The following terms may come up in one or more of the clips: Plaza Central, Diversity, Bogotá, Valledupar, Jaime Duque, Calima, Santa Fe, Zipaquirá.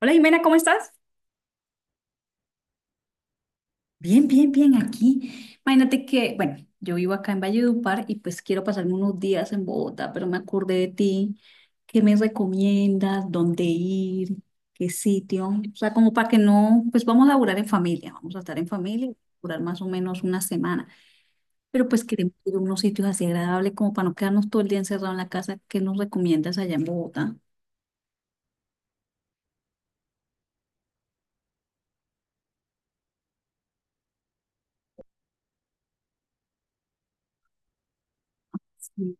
Hola Jimena, ¿cómo estás? Bien, bien, bien, aquí. Imagínate que, bueno, yo vivo acá en Valledupar y pues quiero pasarme unos días en Bogotá, pero me acordé de ti. ¿Qué me recomiendas? ¿Dónde ir? ¿Qué sitio? O sea, como para que no, pues vamos a laburar en familia, vamos a estar en familia, y durar más o menos una semana, pero pues queremos ir a unos sitios así agradables como para no quedarnos todo el día encerrado en la casa. ¿Qué nos recomiendas allá en Bogotá? Sí,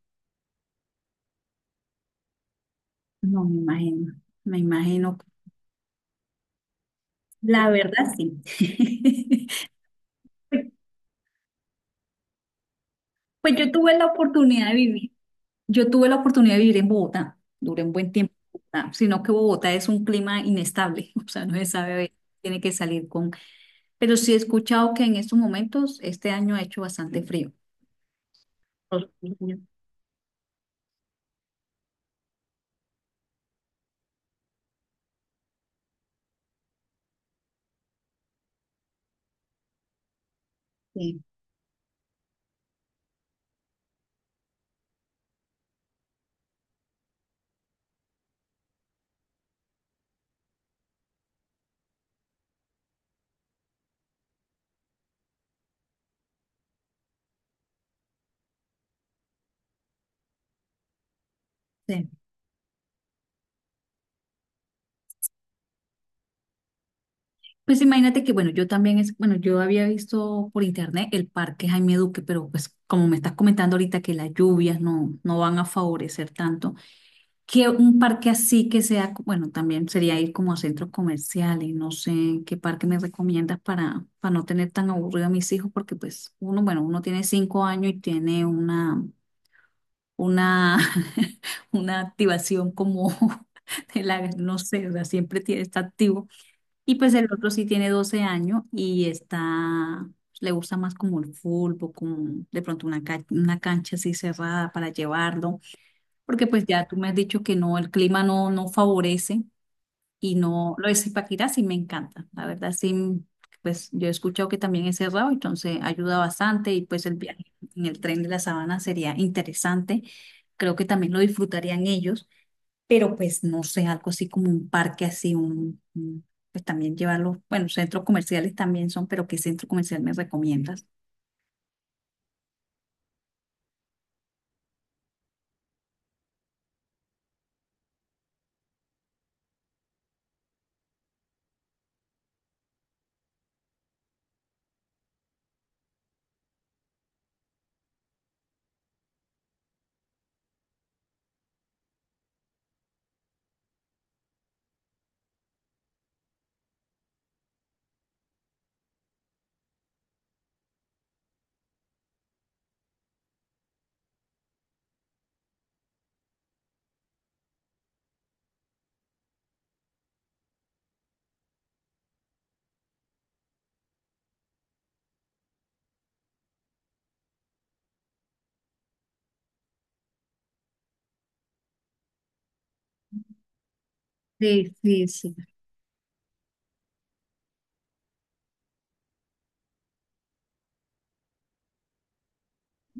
no, me imagino, me imagino. La verdad, sí. Pues yo tuve la oportunidad de vivir en Bogotá, duré un buen tiempo en Bogotá, sino que Bogotá es un clima inestable, o sea, no se sabe, tiene que salir con, pero sí he escuchado que en estos momentos, este año ha hecho bastante frío. Los últimos sí, sí. Pues imagínate que, bueno, yo también es, bueno, yo había visto por internet el parque Jaime Duque, pero pues como me estás comentando ahorita que las lluvias no van a favorecer tanto. Que un parque así que sea, bueno, también sería ir como a centros comerciales, no sé qué parque me recomiendas para, no tener tan aburrido a mis hijos, porque pues uno, bueno, uno tiene 5 años y tiene una, una activación como de la, no sé, o sea, siempre tiene, está activo. Y pues el otro sí tiene 12 años y está, pues, le gusta más como el fútbol, como de pronto una cancha así cerrada para llevarlo. Porque pues ya tú me has dicho que no, el clima no favorece y no, lo de Zipaquirá sí me encanta. La verdad sí, pues yo he escuchado que también es cerrado, entonces ayuda bastante y pues el viaje en el tren de la sabana sería interesante. Creo que también lo disfrutarían ellos, pero pues no sé, algo así como un parque así, pues también llevarlo, bueno, centros comerciales también son, pero ¿qué centro comercial me recomiendas? Sí, sí, sí.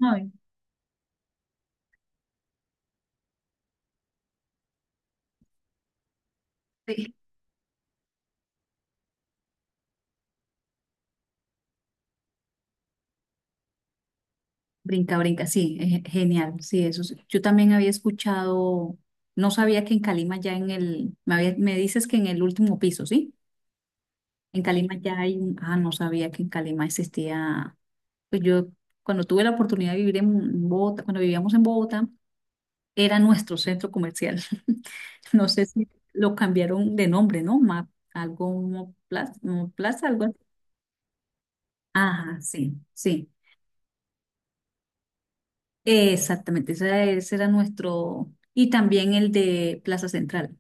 Ay, sí. Brinca, brinca, sí, es genial, sí, eso sí. Yo también había escuchado, no sabía que en Calima ya en el, me, había- me dices que en el último piso, ¿sí? En Calima ya hay no sabía que en Calima existía, pues yo cuando tuve la oportunidad de vivir en Bogotá, cuando vivíamos en Bogotá, era nuestro centro comercial. No sé si lo cambiaron de nombre, ¿no? Algo, Plaza, Plaza, algo así. Ajá, sí, sí. Exactamente, ese era nuestro, y también el de Plaza Central,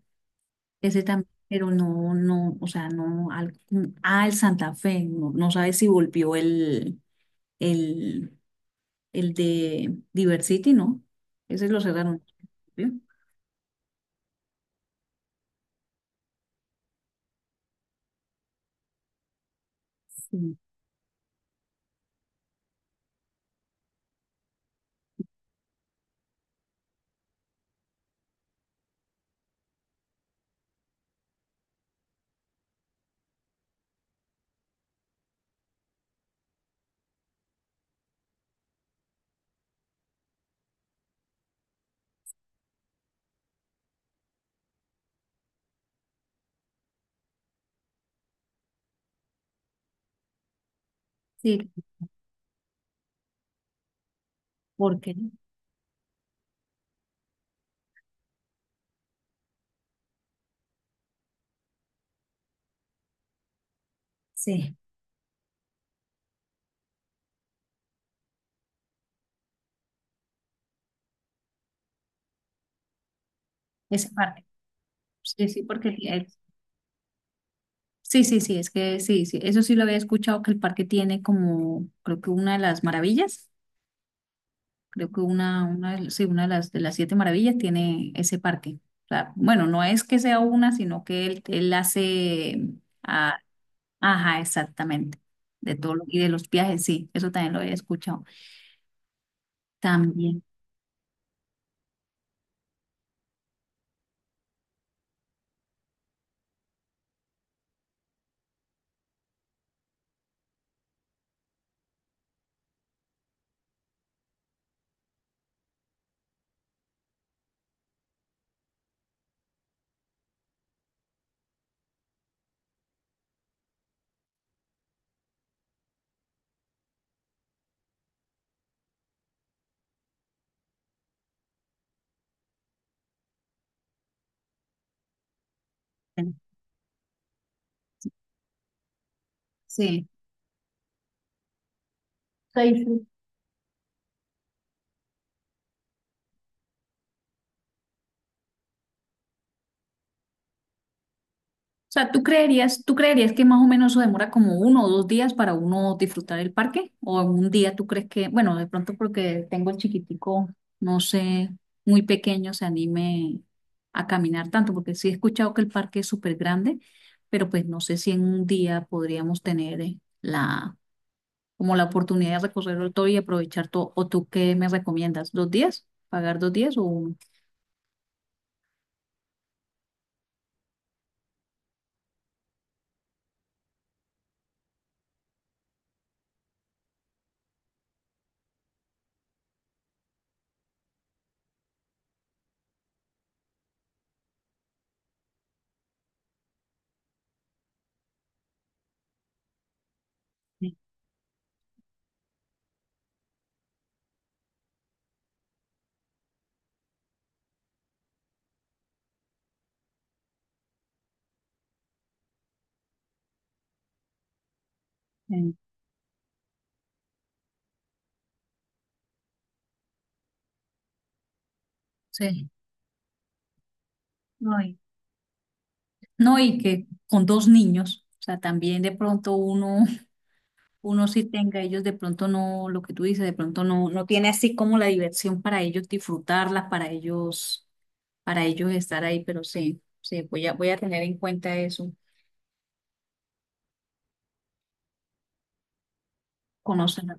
ese también, pero no, o sea, no, al Santa Fe, no sabes si volvió el, el de Diversity, ¿no? Ese lo cerraron. ¿Sí? Sí, sí, porque, sí, esa parte, sí, sí, sí, sí, sí, es que sí, sí, eso sí lo había escuchado que el parque tiene como, creo que una de las maravillas. Creo que una, sí, una de las siete maravillas tiene ese parque. O sea, bueno, no es que sea una, sino que él hace, ah, ajá, exactamente, de todo y de los viajes, sí, eso también lo he escuchado. También, sí. Sí. O sea, ¿tú creerías que más o menos eso demora como 1 o 2 días para uno disfrutar el parque? ¿O en un día tú crees que, bueno, de pronto porque tengo el chiquitico, no sé, muy pequeño, se anime a caminar tanto? Porque sí he escuchado que el parque es súper grande, pero pues no sé si en un día podríamos tener como la oportunidad de recorrerlo todo y aprovechar todo. ¿O tú qué me recomiendas? ¿2 días? ¿Pagar 2 días o 1? Eh, Sí. No, no, y que con dos niños, o sea, también de pronto uno, uno sí tenga, ellos de pronto no, lo que tú dices, de pronto no, no tiene así como la diversión para ellos disfrutarla, para ellos estar ahí, pero sí, sí, voy a tener en cuenta eso, conocerlo.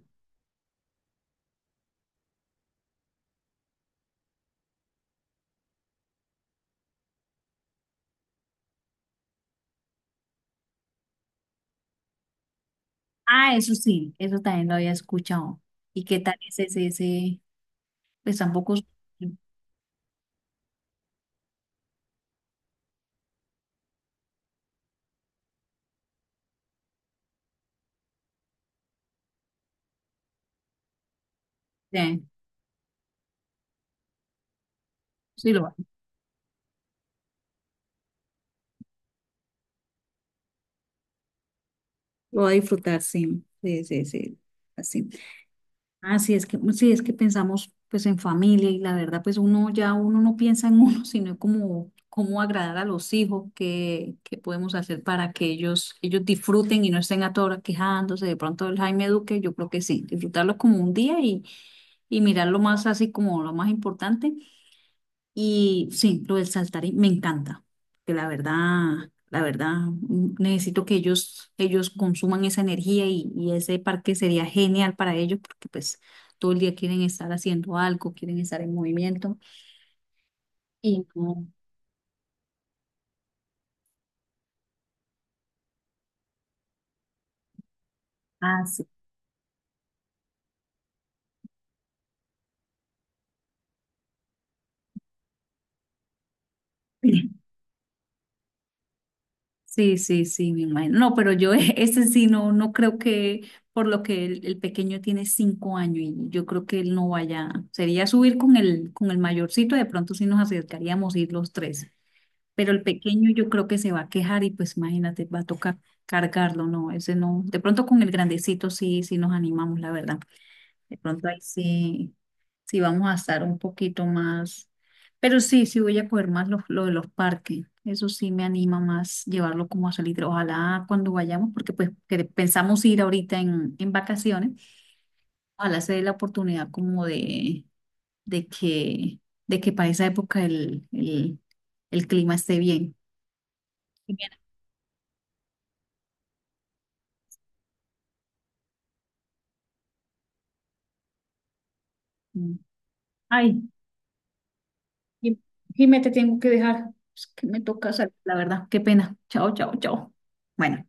Ah, eso sí, eso también lo había escuchado. ¿Y qué tal es ese, pues tampoco, sí, sí lo va a disfrutar, sí, sí, sí, sí, así. Así es que, pues, sí, es que pensamos pues en familia y la verdad pues uno ya uno no piensa en uno, sino como cómo agradar a los hijos, qué podemos hacer para que ellos disfruten y no estén a toda hora quejándose. De pronto el Jaime Duque, yo creo que sí, disfrutarlo como un día y mirarlo más así como lo más importante. Y sí, lo del saltarín me encanta, que la verdad, necesito que ellos consuman esa energía y ese parque sería genial para ellos porque pues todo el día quieren estar haciendo algo, quieren estar en movimiento y no, sí. Sí, sí, sí, me imagino. No, pero yo ese sí no, creo que, por lo que el pequeño tiene 5 años y yo creo que él no vaya, sería subir con el mayorcito, de pronto sí nos acercaríamos a ir los tres. Pero el pequeño yo creo que se va a quejar y pues imagínate, va a tocar cargarlo, no, ese no, de pronto con el grandecito sí, sí nos animamos, la verdad, de pronto ahí sí, sí vamos a estar un poquito más, pero sí, sí voy a coger más lo de los parques, eso sí me anima más llevarlo como a salir, ojalá cuando vayamos, porque pues que pensamos ir ahorita en, vacaciones, ojalá se dé la oportunidad como de, de que, de que, para esa época el clima esté bien. Sí, bien. Ay, Jim- Jimé, te tengo que dejar. Es que me toca salir, la verdad. Qué pena. Chao, chao, chao. Bueno.